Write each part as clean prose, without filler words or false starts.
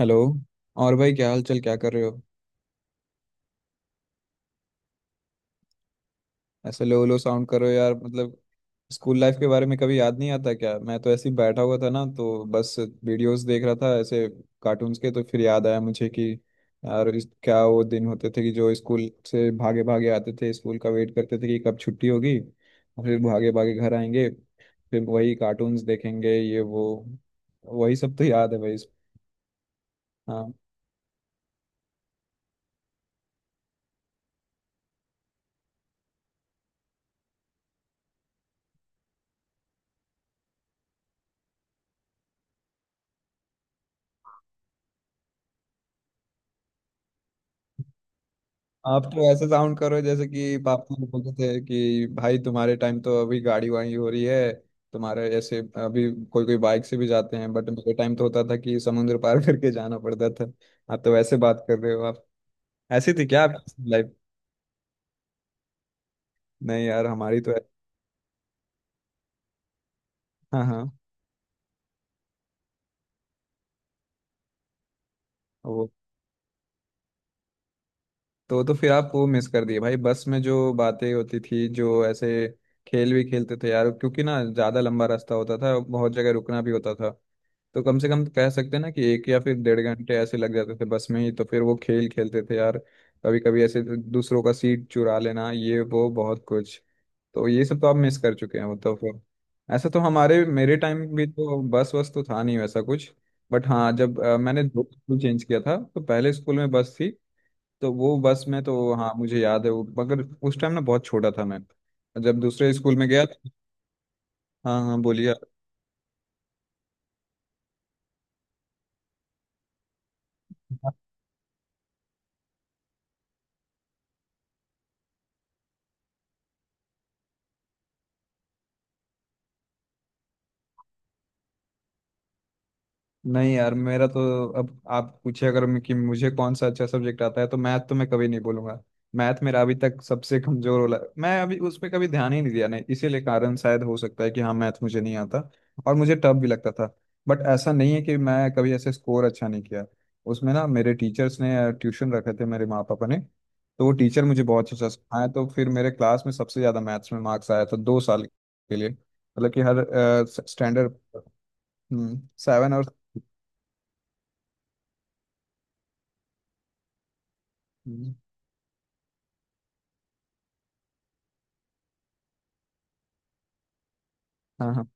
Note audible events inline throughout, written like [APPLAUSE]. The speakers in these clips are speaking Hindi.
हेलो। और भाई क्या हाल चाल, क्या कर रहे हो? ऐसे लो लो साउंड कर रहे हो यार। मतलब स्कूल लाइफ के बारे में कभी याद नहीं आता क्या? मैं तो ऐसे ही बैठा हुआ था ना, तो बस वीडियोस देख रहा था, ऐसे कार्टून्स के। तो फिर याद आया मुझे कि यार क्या वो दिन होते थे कि जो स्कूल से भागे भागे आते थे। स्कूल का वेट करते थे कि कब छुट्टी होगी और फिर भागे भागे घर आएंगे, फिर वही कार्टून्स देखेंगे, ये वो। वही सब तो याद है भाई। हाँ, आप तो ऐसे साउंड करो जैसे कि पापा लोग बोलते थे कि भाई तुम्हारे टाइम तो अभी गाड़ी वाड़ी हो रही है, तुम्हारे ऐसे। अभी कोई कोई बाइक से भी जाते हैं, बट मेरे टाइम तो होता था कि समुद्र पार [LAUGHS] करके जाना पड़ता था। आप तो वैसे बात कर रहे हो, आप ऐसी थी क्या आपकी [LAUGHS] लाइफ? नहीं यार, हमारी तो। हाँ हाँ। वो तो फिर आप वो मिस कर दिए भाई, बस में जो बातें होती थी, जो ऐसे खेल भी खेलते थे यार। क्योंकि ना ज़्यादा लंबा रास्ता होता था, बहुत जगह रुकना भी होता था, तो कम से कम कह सकते हैं ना कि 1 या फिर 1.5 घंटे ऐसे लग जाते थे बस में ही। तो फिर वो खेल खेलते थे यार, कभी कभी ऐसे दूसरों का सीट चुरा लेना, ये वो बहुत कुछ। तो ये सब तो आप मिस कर चुके हैं, मतलब। तो ऐसा तो हमारे मेरे टाइम भी तो बस वस तो था नहीं, वैसा कुछ। बट हाँ, जब मैंने 2 स्कूल चेंज किया था, तो पहले स्कूल में बस थी। तो वो बस में तो हाँ, मुझे याद है वो। मगर उस टाइम ना बहुत छोटा था मैं, जब दूसरे स्कूल में गया। हाँ हाँ, बोलिए। नहीं यार, मेरा तो। अब आप पूछे अगर मैं कि मुझे कौन सा अच्छा सब्जेक्ट आता है, तो मैथ तो मैं कभी नहीं बोलूंगा। मैथ मेरा अभी तक सबसे कमजोर वाला। मैं अभी उस पर कभी ध्यान ही नहीं दिया, नहीं, इसीलिए कारण शायद हो सकता है कि हाँ, मैथ मुझे नहीं आता। और मुझे टफ भी लगता था। बट ऐसा नहीं है कि मैं कभी ऐसे स्कोर अच्छा नहीं किया। उसमें ना मेरे टीचर्स ने, ट्यूशन रखे थे मेरे माँ पापा ने, तो वो टीचर मुझे बहुत अच्छा सिखाए। तो फिर मेरे क्लास में सबसे ज्यादा मैथ्स में मार्क्स आया था 2 साल के लिए, मतलब कि हर स्टैंडर्ड। 7 और। हम्म, हाँ हाँ।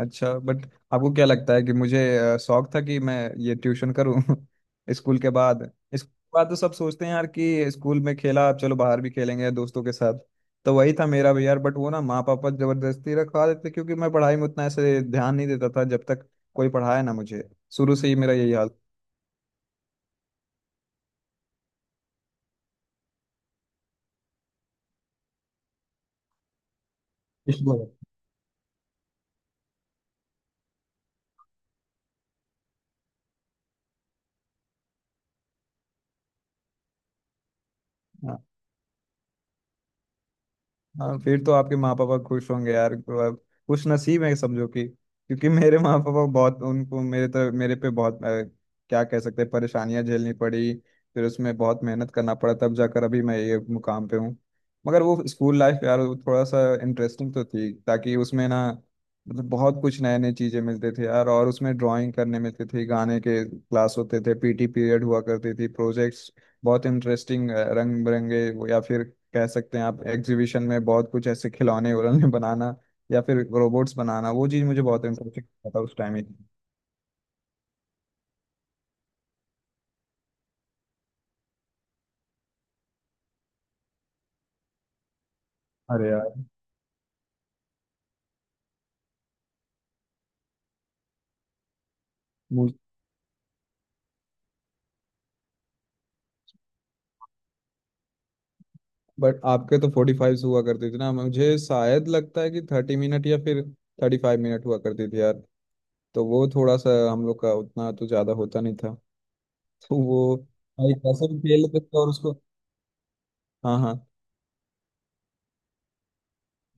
अच्छा बट आपको क्या लगता है कि मुझे शौक था कि मैं ये ट्यूशन करूँ [LAUGHS] स्कूल के बाद? स्कूल के बाद तो सब सोचते हैं यार कि स्कूल में खेला, अब चलो बाहर भी खेलेंगे दोस्तों के साथ। तो वही था मेरा भी यार, बट वो ना माँ पापा जबरदस्ती रखवा देते क्योंकि मैं पढ़ाई में उतना ऐसे ध्यान नहीं देता था जब तक कोई पढ़ाया ना मुझे। शुरू से ही मेरा यही हाल। इसको- हाँ हाँ। फिर तो आपके माँ पापा खुश होंगे यार। तो अब खुश नसीब है समझो, कि क्योंकि मेरे माँ पापा बहुत, उनको मेरे पे बहुत क्या कह सकते हैं, परेशानियां झेलनी पड़ी। फिर उसमें बहुत मेहनत करना पड़ा, तब जाकर अभी मैं ये मुकाम पे हूँ। मगर वो स्कूल लाइफ यार, वो थोड़ा सा इंटरेस्टिंग तो थी, ताकि उसमें ना, मतलब बहुत कुछ नए नए चीजें मिलते थे यार। और उसमें ड्राइंग करने मिलते थे, गाने के क्लास होते थे, पीटी पीरियड हुआ करती थी, प्रोजेक्ट्स बहुत इंटरेस्टिंग, रंग बिरंगे। या फिर कह सकते हैं आप एग्जीबिशन में बहुत कुछ ऐसे खिलौने उलौने [LAUGHS] बनाना, या फिर रोबोट्स बनाना, वो चीज़ मुझे बहुत इंटरेस्टिंग था उस टाइम ही। अरे यार। मुझ बट आपके तो 45 हुआ करती थी ना, मुझे शायद लगता है कि 30 मिनट या फिर 35 मिनट हुआ करती थी यार। तो वो थोड़ा सा हम लोग का उतना तो ज्यादा होता नहीं था। तो वो भाई कैसे भी खेल लेते थे, और उसको। हाँ हाँ।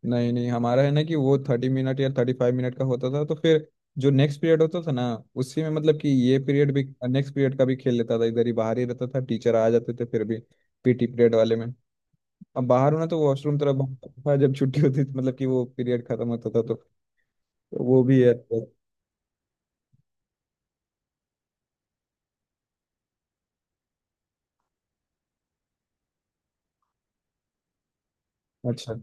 नहीं नहीं, हमारा है ना कि वो 30 मिनट या 35 मिनट का होता था, तो फिर जो नेक्स्ट पीरियड होता था ना, उसी में मतलब कि ये पीरियड भी, नेक्स्ट पीरियड का भी खेल लेता था। इधर ही बाहर ही रहता था, टीचर आ जाते थे फिर भी। पीटी पीरियड वाले में अब बाहर होना, तो वॉशरूम तरफ बाहर [LAUGHS] था जब छुट्टी होती थी, मतलब कि वो पीरियड खत्म होता था तो। तो वो भी है तो। अच्छा।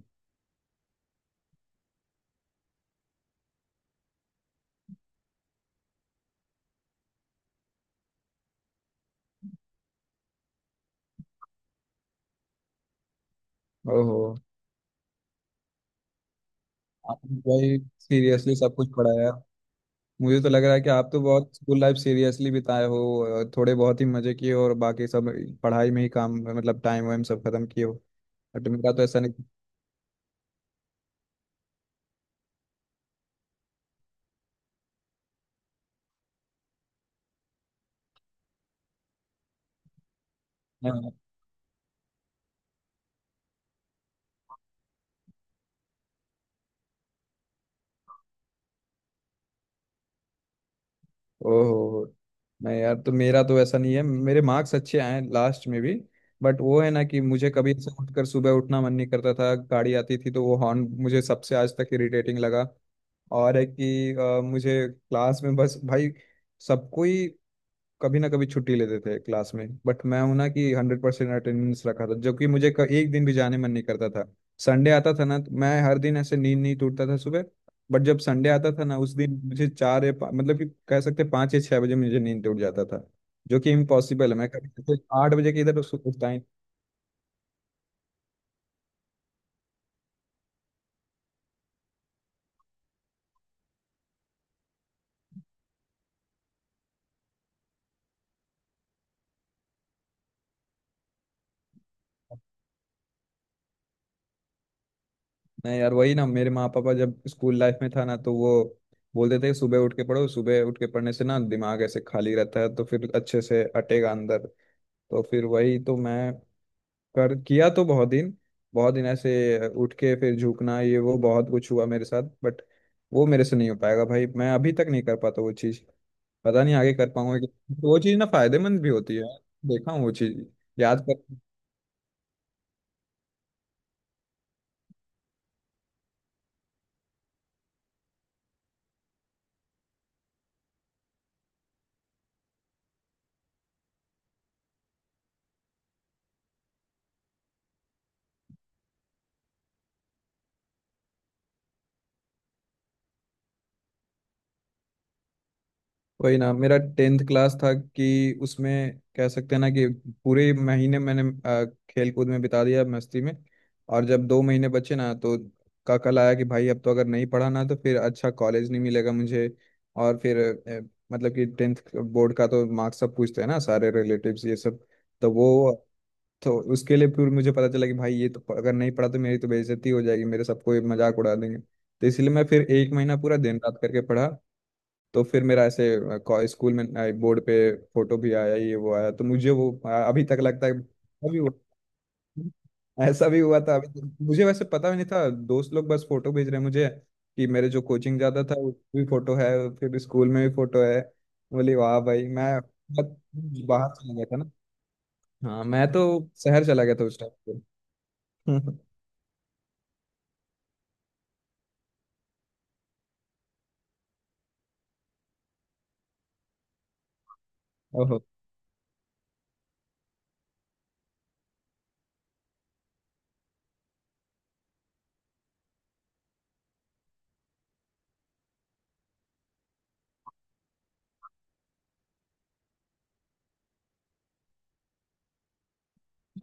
ओहो। आपने भाई सीरियसली सब कुछ पढ़ाया। मुझे तो लग रहा है कि आप तो बहुत स्कूल लाइफ सीरियसली बिताए हो, थोड़े बहुत ही मजे किए हो, और बाकी सब पढ़ाई में ही काम, मतलब टाइम वाइम सब खत्म किए हो। बट मेरा तो ऐसा नहीं। हाँ। ओहो। नहीं यार, तो मेरा तो ऐसा नहीं है, मेरे मार्क्स अच्छे आए लास्ट में भी। बट वो है ना कि मुझे कभी ऐसे उठकर सुबह उठना मन नहीं करता था, गाड़ी आती थी तो वो हॉर्न मुझे सबसे आज तक इरिटेटिंग लगा। और है कि मुझे क्लास में बस भाई, सबको ही कभी ना कभी छुट्टी लेते थे क्लास में, बट मैं हूं ना कि 100% अटेंडेंस रखा था, जबकि मुझे एक दिन भी जाने मन नहीं करता था। संडे आता था ना, तो मैं हर दिन ऐसे नींद नहीं टूटता था सुबह। बट जब संडे आता था ना, उस दिन मुझे मतलब कि कह सकते हैं 5 या 6 बजे मुझे नींद टूट जाता था, जो कि इम्पॉसिबल है। मैं कभी जैसे 8 बजे के इधर उठता ही। नहीं यार, वही ना, मेरे माँ पापा जब स्कूल लाइफ में था ना, तो वो बोलते थे सुबह उठ के पढ़ो, सुबह उठ के पढ़ने से ना दिमाग ऐसे खाली रहता है, तो फिर अच्छे से अटेगा अंदर। तो फिर वही तो मैं कर किया तो बहुत दिन, बहुत दिन ऐसे उठ के फिर झुकना, ये वो बहुत कुछ हुआ मेरे साथ। बट वो मेरे से नहीं हो पाएगा भाई, मैं अभी तक नहीं कर पाता वो चीज़। पता नहीं आगे कर पाऊंगा कि, वो चीज़ ना फायदेमंद भी होती है, देखा हूँ वो चीज़। याद कर। वही ना, मेरा 10th क्लास था कि उसमें कह सकते हैं ना कि पूरे महीने मैंने खेल कूद में बिता दिया, मस्ती में। और जब 2 महीने बचे ना, तो काकल आया कि भाई अब तो अगर नहीं पढ़ा ना, तो फिर अच्छा कॉलेज नहीं मिलेगा मुझे। और फिर मतलब कि 10th बोर्ड का तो मार्क्स सब पूछते हैं ना, सारे रिलेटिव्स ये सब। तो वो, तो उसके लिए फिर मुझे पता चला कि भाई ये तो अगर नहीं पढ़ा तो मेरी तो बेइज्जती हो जाएगी, मेरे सबको ये मजाक उड़ा देंगे, तो इसलिए मैं फिर 1 महीना पूरा दिन रात करके पढ़ा। तो फिर मेरा ऐसे स्कूल में बोर्ड पे फोटो भी आया, ये वो आया, तो मुझे वो अभी तक लगता है अभी वो ऐसा भी हुआ था। अभी तक मुझे वैसे पता भी नहीं था, दोस्त लोग बस फोटो भेज रहे हैं मुझे कि मेरे जो कोचिंग जाता था उसमें भी फोटो है, फिर स्कूल में भी फोटो है। बोली वाह भाई, मैं बहुत बाहर चला गया था ना। हाँ, मैं तो शहर चला गया था उस टाइम पे [LAUGHS] ओहो।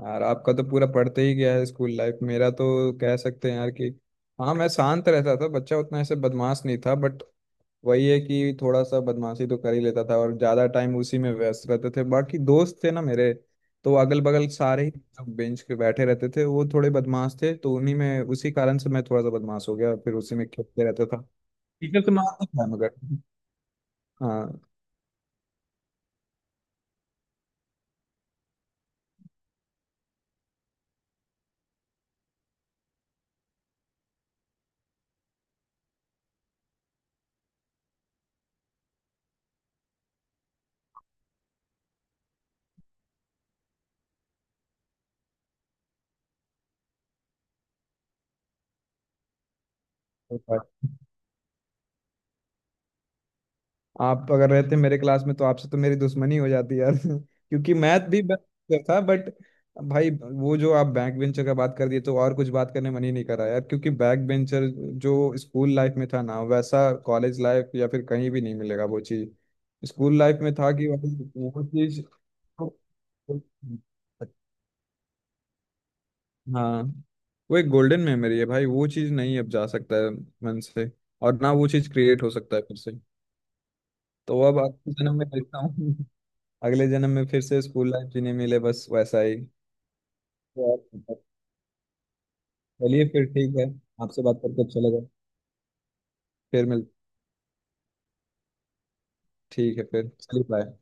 यार आपका तो पूरा पढ़ते ही गया है स्कूल लाइफ, मेरा तो कह सकते हैं यार कि हाँ, मैं शांत रहता था बच्चा, उतना ऐसे बदमाश नहीं था। बट वही है कि थोड़ा सा बदमाशी तो कर ही लेता था, और ज्यादा टाइम उसी में व्यस्त रहते थे। बाकी दोस्त थे ना मेरे, तो अगल बगल सारे ही बेंच पे बैठे रहते थे, वो थोड़े बदमाश थे, तो उन्हीं में, उसी कारण से मैं थोड़ा सा बदमाश हो गया, फिर उसी में खेलते रहता था। टीचर तो मारता था मगर। हाँ। आप अगर रहते मेरे क्लास में तो आपसे तो मेरी दुश्मनी हो जाती यार [LAUGHS] क्योंकि मैथ भी बेस्ट था। बट भाई वो जो आप बैक बेंचर का बात कर दिए, तो और कुछ बात करने मन ही नहीं करा यार, क्योंकि बैक बेंचर जो स्कूल लाइफ में था ना, वैसा कॉलेज लाइफ या फिर कहीं भी नहीं मिलेगा वो चीज। स्कूल लाइफ में था कि भाई वो चीज। हाँ, वो एक गोल्डन मेमोरी है भाई, वो चीज नहीं अब जा सकता है मन से, और ना वो चीज क्रिएट हो सकता है फिर से। तो अब आपके जन्म में देखता हूँ, अगले जन्म में फिर से स्कूल लाइफ जीने मिले बस वैसा ही। और- चलिए फिर ठीक है, आपसे बात करके अच्छा लगा। फिर मिल। ठीक है, फिर चलिए, बाय।